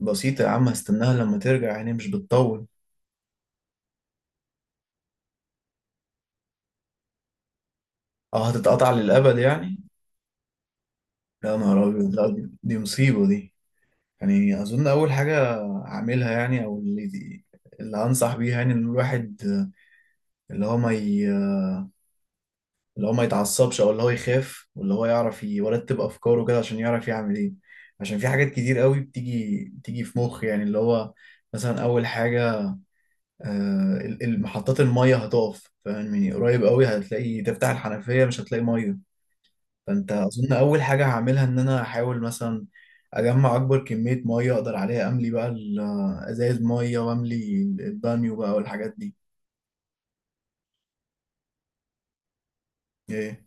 بسيطة يا عم، هستناها لما ترجع، يعني مش بتطول. اه، هتتقطع للأبد يعني. يا نهار أبيض، لا، دي مصيبة دي. يعني أظن أول حاجة أعملها، يعني، أو اللي أنصح بيها، يعني، إن الواحد اللي هو ما ي... اللي هو ما يتعصبش، أو اللي هو يخاف، واللي هو يعرف يرتب أفكاره كده عشان يعرف يعمل إيه. عشان في حاجات كتير قوي بتيجي في مخ، يعني اللي هو مثلا أول حاجة، محطات المية هتقف، فاهمني؟ قريب قوي هتلاقي تفتح الحنفية مش هتلاقي مية. فانت اظن اول حاجه هعملها ان انا احاول مثلا اجمع اكبر كميه ميه اقدر عليها، املي بقى ازايز ميه واملي البانيو بقى والحاجات دي. ايه؟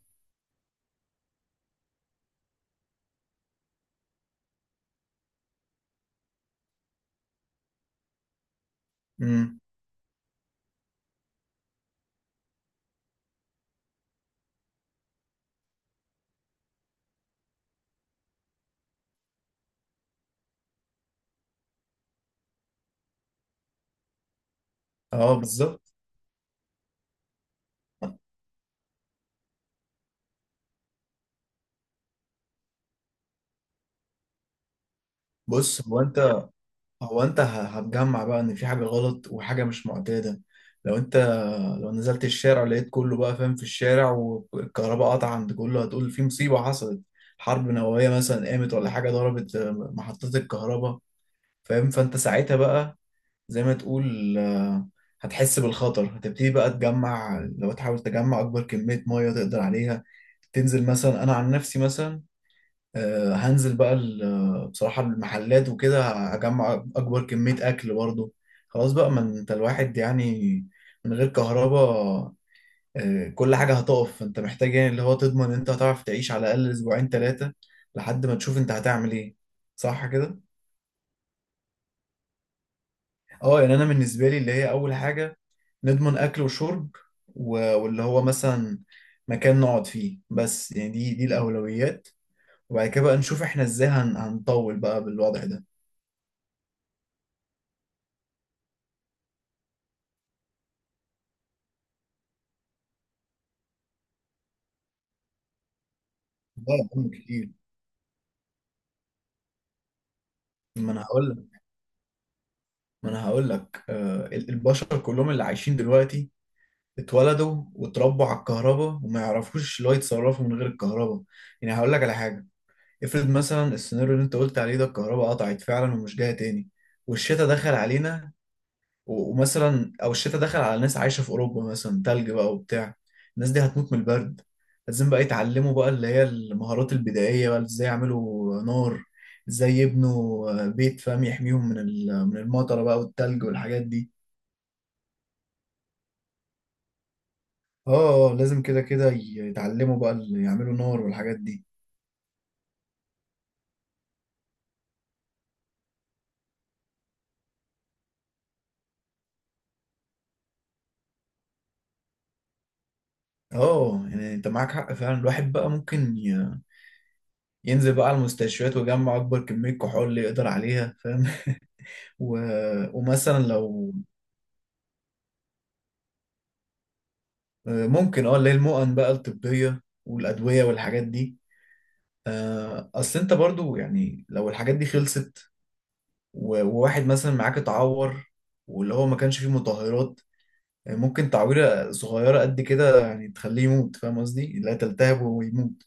امم. اه بالظبط. بص، هتجمع بقى ان في حاجه غلط وحاجه مش معتاده. لو انت لو نزلت الشارع لقيت كله بقى فاهم في الشارع، والكهرباء قطع عند كله، هتقول في مصيبه حصلت، حرب نوويه مثلا قامت ولا حاجه ضربت محطات الكهرباء، فاهم؟ فانت ساعتها بقى، زي ما تقول، هتحس بالخطر، هتبتدي بقى تجمع، لو تحاول تجمع أكبر كمية مية تقدر عليها. تنزل مثلا، أنا عن نفسي مثلا، هنزل بقى بصراحة المحلات وكده هجمع أكبر كمية أكل برضه. خلاص بقى، ما أنت الواحد يعني من غير كهرباء، كل حاجة هتقف، فأنت محتاج يعني اللي هو تضمن إن أنت هتعرف تعيش على الأقل أسبوعين تلاتة لحد ما تشوف أنت هتعمل إيه. صح كده؟ اه، يعني انا بالنسبه لي اللي هي اول حاجه نضمن اكل وشرب، و- واللي هو مثلا مكان نقعد فيه بس، يعني دي الاولويات، وبعد كده بقى نشوف احنا ازاي هنطول بقى بالوضع ده. لا يا عم كتير. ما انا هقول لك ما انا هقول لك البشر كلهم اللي عايشين دلوقتي اتولدوا واتربوا على الكهرباء وما يعرفوش اللي هو يتصرفوا من غير الكهرباء. يعني هقول لك على حاجه، افرض مثلا السيناريو اللي انت قلت عليه ده، الكهرباء قطعت فعلا ومش جايه تاني والشتاء دخل علينا، و- ومثلا او الشتاء دخل على ناس عايشه في اوروبا مثلا، تلج بقى وبتاع، الناس دي هتموت من البرد. لازم بقى يتعلموا بقى اللي هي المهارات البدائيه بقى، ازاي يعملوا نار، ازاي يبنوا بيت فاهم يحميهم من من المطره بقى والتلج والحاجات دي. اه، لازم كده كده يتعلموا بقى اللي يعملوا نار والحاجات دي. اه، يعني انت معاك حق فعلا، الواحد بقى ممكن ينزل بقى على المستشفيات ويجمع اكبر كميه كحول اللي يقدر عليها، فاهم؟ و... ومثلا لو، ممكن اه اللي هي المؤن بقى الطبية والأدوية والحاجات دي. أصل أنت برضو يعني لو الحاجات دي خلصت و- وواحد مثلا معاك اتعور، واللي هو ما كانش فيه مطهرات، ممكن تعويرة صغيرة قد كده يعني تخليه يموت، فاهم قصدي؟ لا، تلتهب ويموت.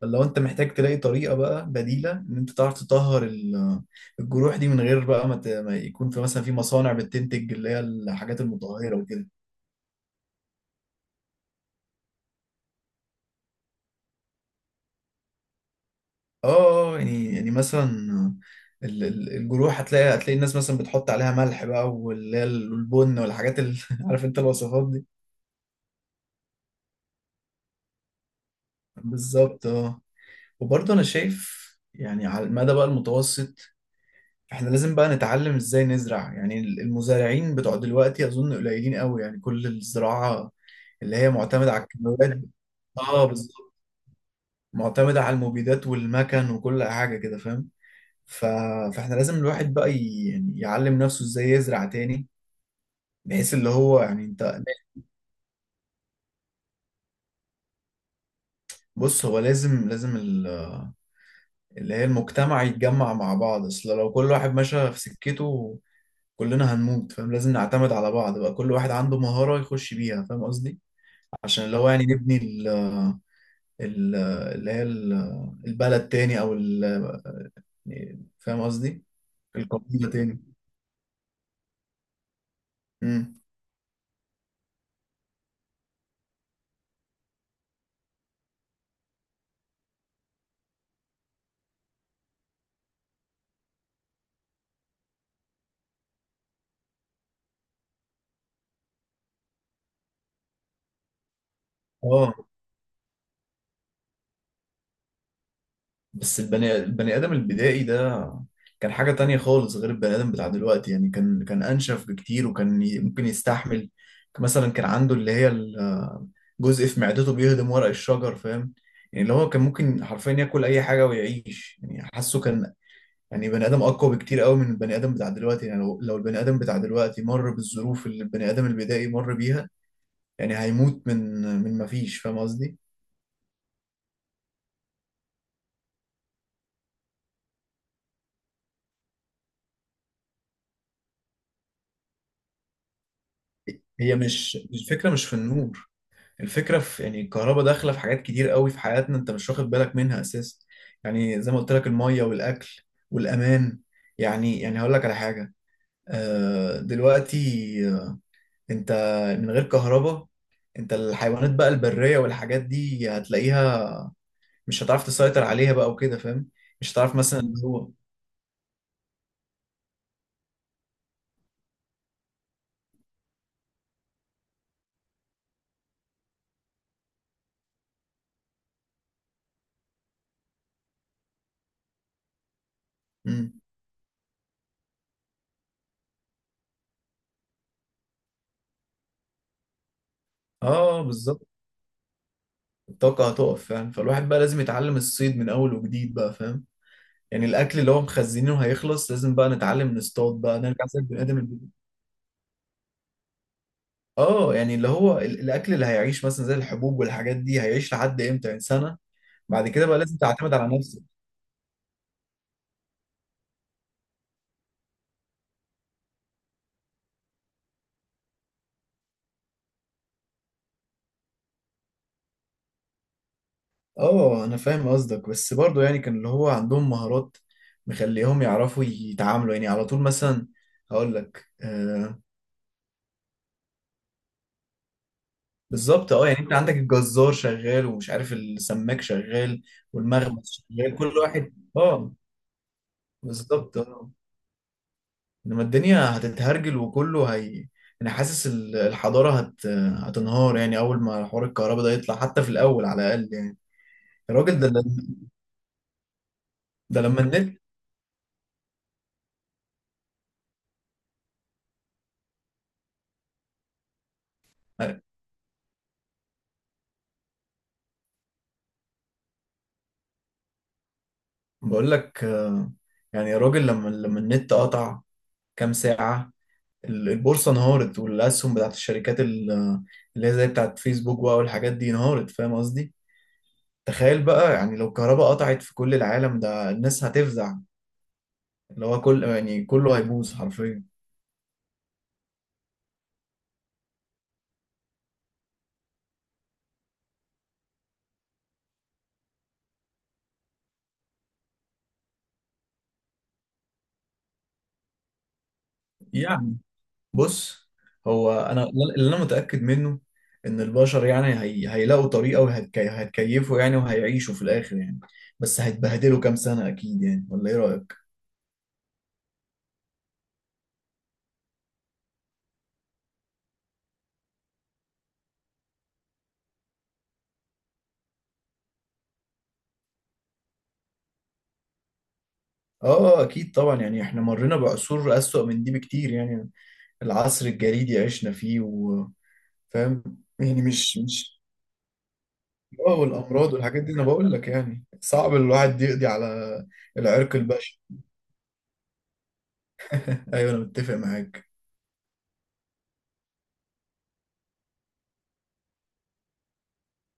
فلو أنت محتاج تلاقي طريقة بقى بديلة إن أنت تعرف تطهر الجروح دي، من غير بقى ما ما يكون في مثلا في مصانع بتنتج اللي هي الحاجات المطهرة وكده. اه، اه، يعني مثلا الجروح، هتلاقي الناس مثلا بتحط عليها ملح بقى واللي هي البن والحاجات اللي عارف انت الوصفات دي. بالظبط اه. وبرضه انا شايف يعني على المدى بقى المتوسط، احنا لازم بقى نتعلم ازاي نزرع، يعني المزارعين بتوع دلوقتي اظن قليلين قوي، يعني كل الزراعة اللي هي معتمدة على الكيماويات. اه بالظبط، معتمدة على المبيدات والمكن وكل حاجة كده، فاهم؟ ف... فاحنا لازم الواحد بقى يعني يعلم نفسه ازاي يزرع تاني، بحيث اللي هو يعني انت. بص، هو لازم اللي هي المجتمع يتجمع مع بعض، اصل لو كل واحد ماشي في سكته كلنا هنموت، فاهم؟ لازم نعتمد على بعض بقى، كل واحد عنده مهارة يخش بيها، فاهم قصدي؟ عشان اللي هو يعني نبني ال- اللي هي البلد تاني، او يعني فاهم قصدي، القبيلة تاني. امم. اه، بس البني آدم البدائي ده كان حاجة تانية خالص غير البني آدم بتاع دلوقتي، يعني كان أنشف بكتير، وكان ممكن يستحمل. مثلا كان عنده اللي هي الجزء في معدته بيهضم ورق الشجر، فاهم؟ يعني اللي هو كان ممكن حرفيا ياكل أي حاجة ويعيش، يعني حاسه كان يعني بني آدم أقوى بكتير قوي من البني آدم بتاع دلوقتي. يعني لو البني آدم بتاع دلوقتي مر بالظروف اللي البني آدم البدائي مر بيها، يعني هيموت من مفيش، فاهم قصدي؟ هي مش الفكرة مش في النور، الفكرة في، يعني، الكهرباء داخلة في حاجات كتير قوي في حياتنا انت مش واخد بالك منها اساسا. يعني زي ما قلت لك، المية والاكل والامان. يعني هقول لك على حاجة، دلوقتي، آه، انت من غير كهرباء، انت الحيوانات بقى البرية والحاجات دي هتلاقيها مش هتعرف تسيطر عليها بقى وكده، فاهم؟ مش هتعرف مثلا اللي هو. مم. اه بالظبط، الطاقة هتقف، فاهم؟ فالواحد بقى لازم يتعلم الصيد من اول وجديد بقى، فاهم؟ يعني الاكل اللي هو مخزنينه هيخلص، لازم بقى نتعلم نصطاد بقى نرجع زي البني ادم. اه، يعني اللي هو الاكل اللي هيعيش مثلا زي الحبوب والحاجات دي هيعيش لحد امتى؟ يعني سنه، بعد كده بقى لازم تعتمد على نفسك. اه انا فاهم قصدك، بس برضو يعني كان اللي هو عندهم مهارات مخليهم يعرفوا يتعاملوا، يعني على طول مثلا هقول لك آه. بالظبط اه، يعني انت عندك الجزار شغال، ومش عارف، السماك شغال، والمخبز شغال، كل واحد، اه. بالظبط اه، انما الدنيا هتتهرجل وكله، هي، انا حاسس الحضاره هتنهار، يعني اول ما حوار الكهرباء ده يطلع حتى في الاول على الاقل يعني. الراجل ده ده لما النت. بقول لك آه، يعني يا راجل، لما النت قطع كام ساعه البورصه انهارت، والاسهم بتاعت الشركات اللي هي زي بتاعت فيسبوك بقى والحاجات دي انهارت، فاهم قصدي؟ تخيل بقى يعني لو الكهرباء قطعت في كل العالم، ده الناس هتفزع، اللي هو كل، يعني، كله هيبوظ حرفيا. بص، هو انا اللي انا متاكد منه ان البشر يعني هيلاقوا طريقه وهيتكيفوا، يعني وهيعيشوا في الاخر يعني، بس هيتبهدلوا كام سنه اكيد، يعني، ولا ايه رايك؟ اه اكيد طبعا، يعني احنا مرينا بعصور اسوأ من دي بكتير، يعني العصر الجليدي عشنا فيه فاهم؟ يعني مش. اه، والامراض والحاجات دي، انا بقول لك يعني صعب الواحد يقضي على العرق البشري. ايوه انا متفق معاك.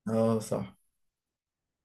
اه صح.